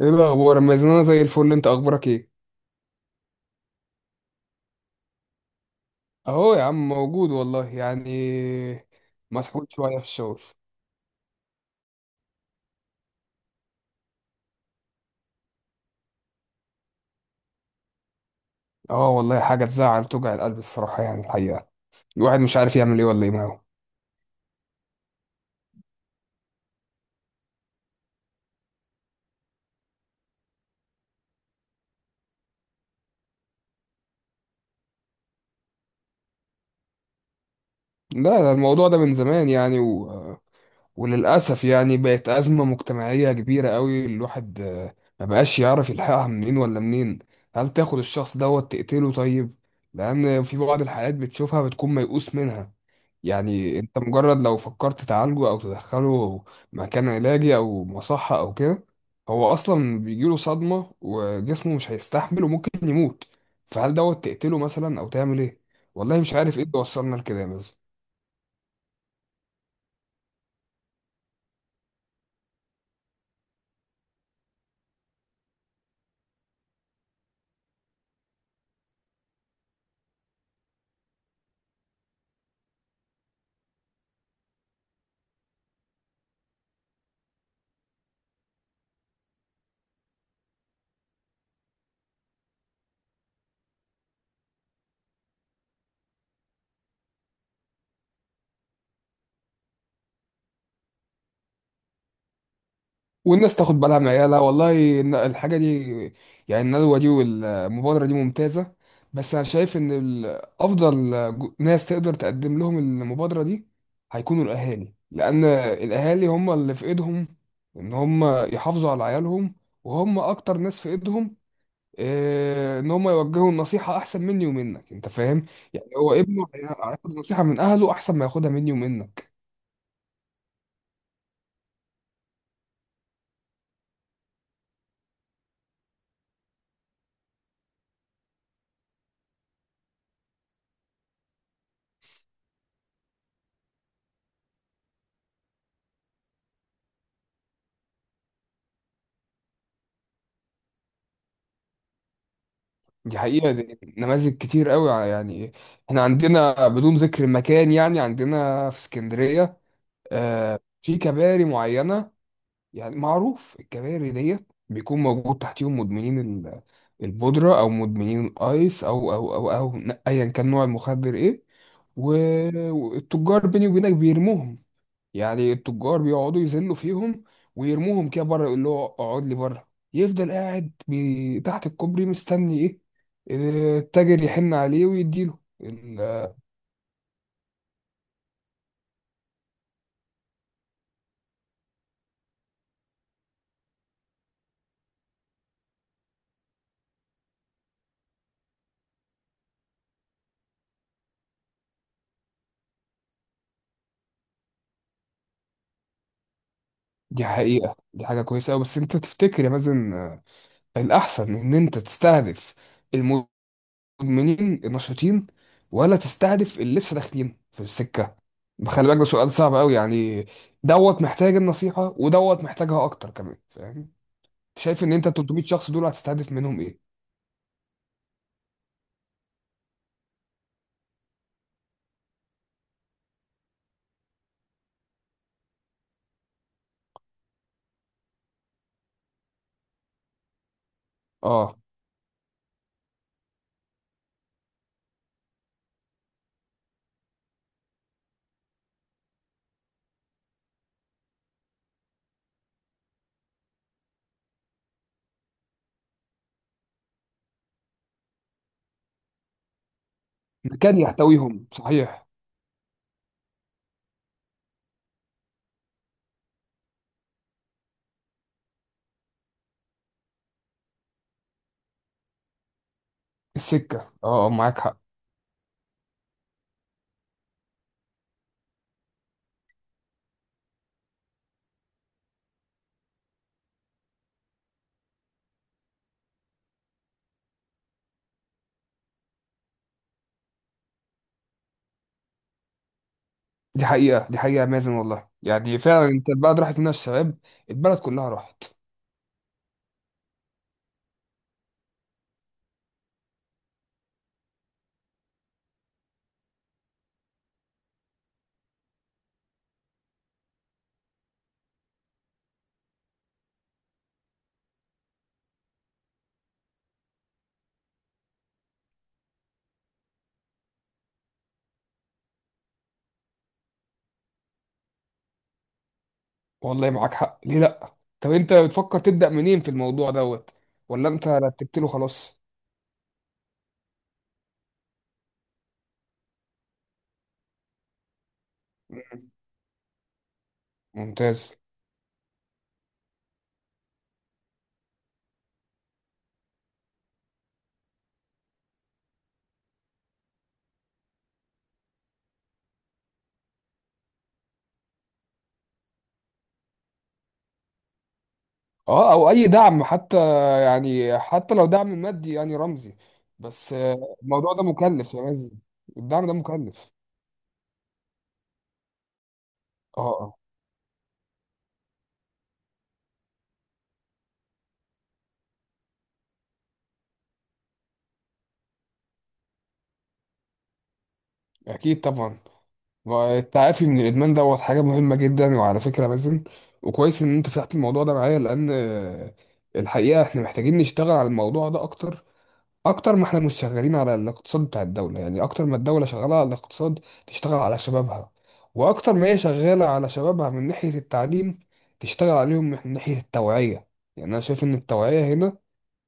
ايه الاخبار، اما اذا انا زي الفل، انت اخبارك ايه؟ اهو يا عم، موجود والله يعني. مسحول شويه في الشغل. اه والله، حاجه تزعل وتوجع القلب الصراحه، يعني الحقيقه. الواحد مش عارف يعمل ايه ولا ايه معاه. لا، ده الموضوع ده من زمان يعني وللاسف يعني بقت ازمه مجتمعيه كبيره قوي. الواحد ما بقاش يعرف يلحقها منين ولا منين. هل تاخد الشخص دوت تقتله؟ طيب، لان في بعض الحالات بتشوفها بتكون ميؤوس منها. يعني انت مجرد لو فكرت تعالجه او تدخله مكان علاجي او مصحة او كده، هو اصلا بيجيله صدمة وجسمه مش هيستحمل وممكن يموت. فهل دوت تقتله مثلا او تعمل ايه؟ والله مش عارف ايه اللي وصلنا لكده بس. والناس تاخد بالها من عيالها، والله إن الحاجة دي، يعني الندوة دي والمبادرة دي ممتازة. بس أنا شايف إن أفضل ناس تقدر تقدم لهم المبادرة دي هيكونوا الأهالي، لأن الأهالي هم اللي في إيدهم إن هم يحافظوا على عيالهم، وهم أكتر ناس في إيدهم. إن هم يوجهوا النصيحة أحسن مني ومنك. أنت فاهم؟ يعني هو ابنه هياخد نصيحة من أهله أحسن ما ياخدها مني ومنك. دي حقيقة، دي نماذج كتير قوي يعني احنا عندنا، بدون ذكر المكان، يعني عندنا في اسكندرية في كباري معينة. يعني معروف الكباري ديت بيكون موجود تحتيهم مدمنين البودرة، أو مدمنين الأيس، أو أيا كان نوع المخدر إيه. والتجار بيني وبينك بيرموهم. يعني التجار بيقعدوا يذلوا فيهم، ويرموهم كده بره، يقول له اقعد لي بره. يفضل قاعد تحت الكوبري، مستني ايه؟ التاجر يحن عليه ويديله دي حقيقة، دي حاجة كويسة أوي، بس أنت تفتكر يا مازن، الأحسن إن أنت تستهدف المدمنين النشطين، ولا تستهدف اللي لسه داخلين في السكة؟ خلي بالك، ده سؤال صعب أوي يعني. دوت محتاج النصيحة ودوت محتاجها أكتر كمان. فاهم؟ شايف إن أنت 300 شخص دول هتستهدف منهم إيه؟ اه، مكان يحتويهم صحيح. السكة. اه، معاك حق. دي حقيقة، دي حقيقة يا مازن، والله يعني فعلا انت البلد راحت منها الشباب. البلد كلها راحت. والله معاك حق، ليه لأ؟ طب انت بتفكر تبدأ منين في الموضوع دوت، ولا انت رتبت له خلاص؟ ممتاز. اه، او اي دعم حتى، يعني حتى لو دعم مادي يعني رمزي. بس الموضوع ده مكلف يا مازن. الدعم ده مكلف. اه، اكيد طبعا. والتعافي من الادمان دوت حاجه مهمه جدا، وعلى فكره مازن، وكويس ان انت فتحت الموضوع ده معايا، لان الحقيقه احنا محتاجين نشتغل على الموضوع ده اكتر. اكتر ما احنا مش شغالين على الاقتصاد بتاع الدوله، يعني اكتر ما الدوله شغاله على الاقتصاد تشتغل على شبابها، واكتر ما هي شغاله على شبابها من ناحيه التعليم تشتغل عليهم من ناحيه التوعيه. يعني انا شايف ان التوعيه هنا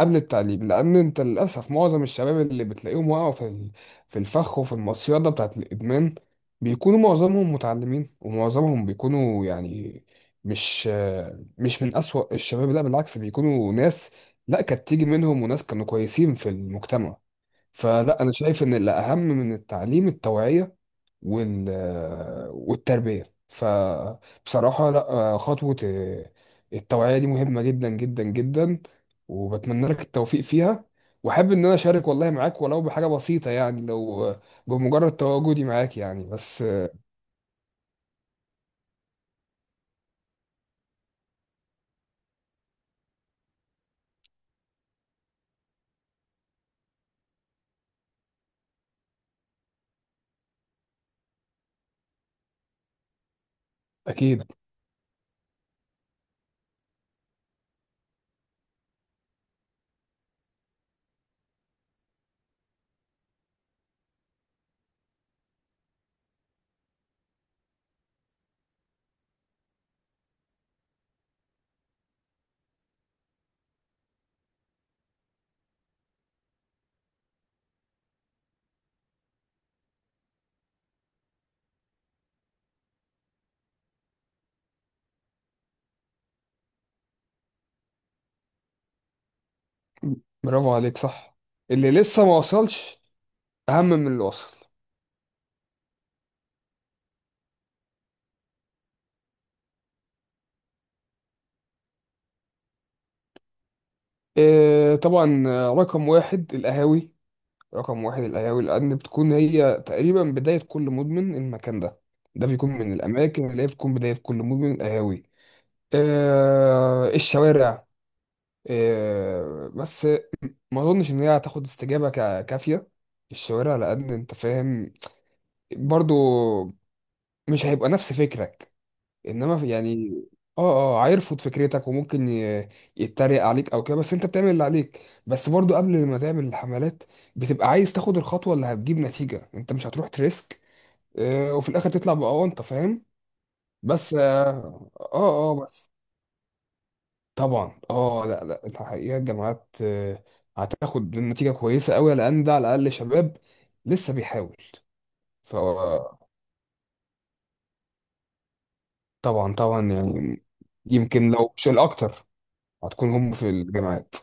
قبل التعليم، لان انت للاسف معظم الشباب اللي بتلاقيهم وقعوا في الفخ وفي المصيده بتاعت الادمان، بيكونوا معظمهم متعلمين، ومعظمهم بيكونوا يعني مش مش من اسوأ الشباب. لا بالعكس، بيكونوا ناس لا كانت تيجي منهم، وناس كانوا كويسين في المجتمع. فلا، انا شايف ان الاهم من التعليم التوعيه وال والتربية. فبصراحة لا، خطوة التوعية دي مهمة جدا جدا جدا، وبتمنى لك التوفيق فيها. وأحب إن أنا أشارك والله معاك، ولو بحاجة بسيطة يعني، لو بمجرد تواجدي معاك يعني بس. أكيد. برافو عليك، صح. اللي لسه ما وصلش أهم من اللي وصل. إيه، طبعا. رقم واحد القهاوي، رقم واحد القهاوي، لأن بتكون هي تقريبا بداية كل مدمن، المكان ده، ده بيكون من الأماكن اللي هي بتكون بداية كل مدمن، القهاوي. الشوارع. بس ما أظنش إن هي هتاخد استجابة كافية. الشوارع، لأن أنت فاهم برضو مش هيبقى نفس فكرك، انما يعني. اه هيرفض فكرتك، وممكن يتريق عليك او كده، بس انت بتعمل اللي عليك. بس برضو قبل ما تعمل الحملات بتبقى عايز تاخد الخطوة اللي هتجيب نتيجة، انت مش هتروح تريسك، وفي الاخر تطلع بأونطة. فاهم؟ بس بس. طبعا، اه لا لا، الحقيقة الجامعات هتاخد نتيجة كويسة قوي لان ده على الاقل شباب لسه بيحاول. فطبعا يعني، يمكن لو مش الاكتر هتكون هم في الجامعات.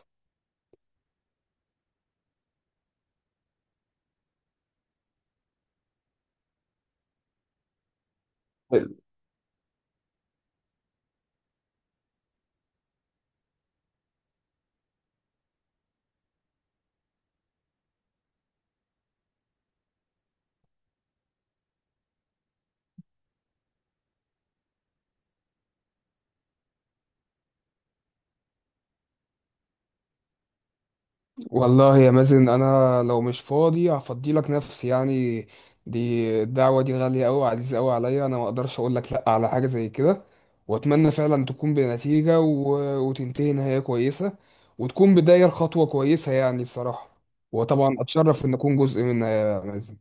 والله يا مازن، انا لو مش فاضي هفضي لك نفسي يعني. دي الدعوه دي غاليه قوي عزيزه قوي عليا، انا ما اقدرش اقول لك لا على حاجه زي كده. واتمنى فعلا تكون بنتيجه وتنتهي نهايه كويسه، وتكون بدايه لخطوه كويسه يعني بصراحه. وطبعا اتشرف ان اكون جزء منها يا مازن.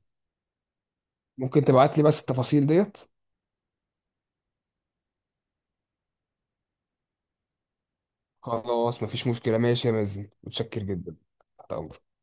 ممكن تبعت لي بس التفاصيل ديت؟ خلاص مفيش مشكله. ماشي يا مازن، متشكر جدا. على أمرك.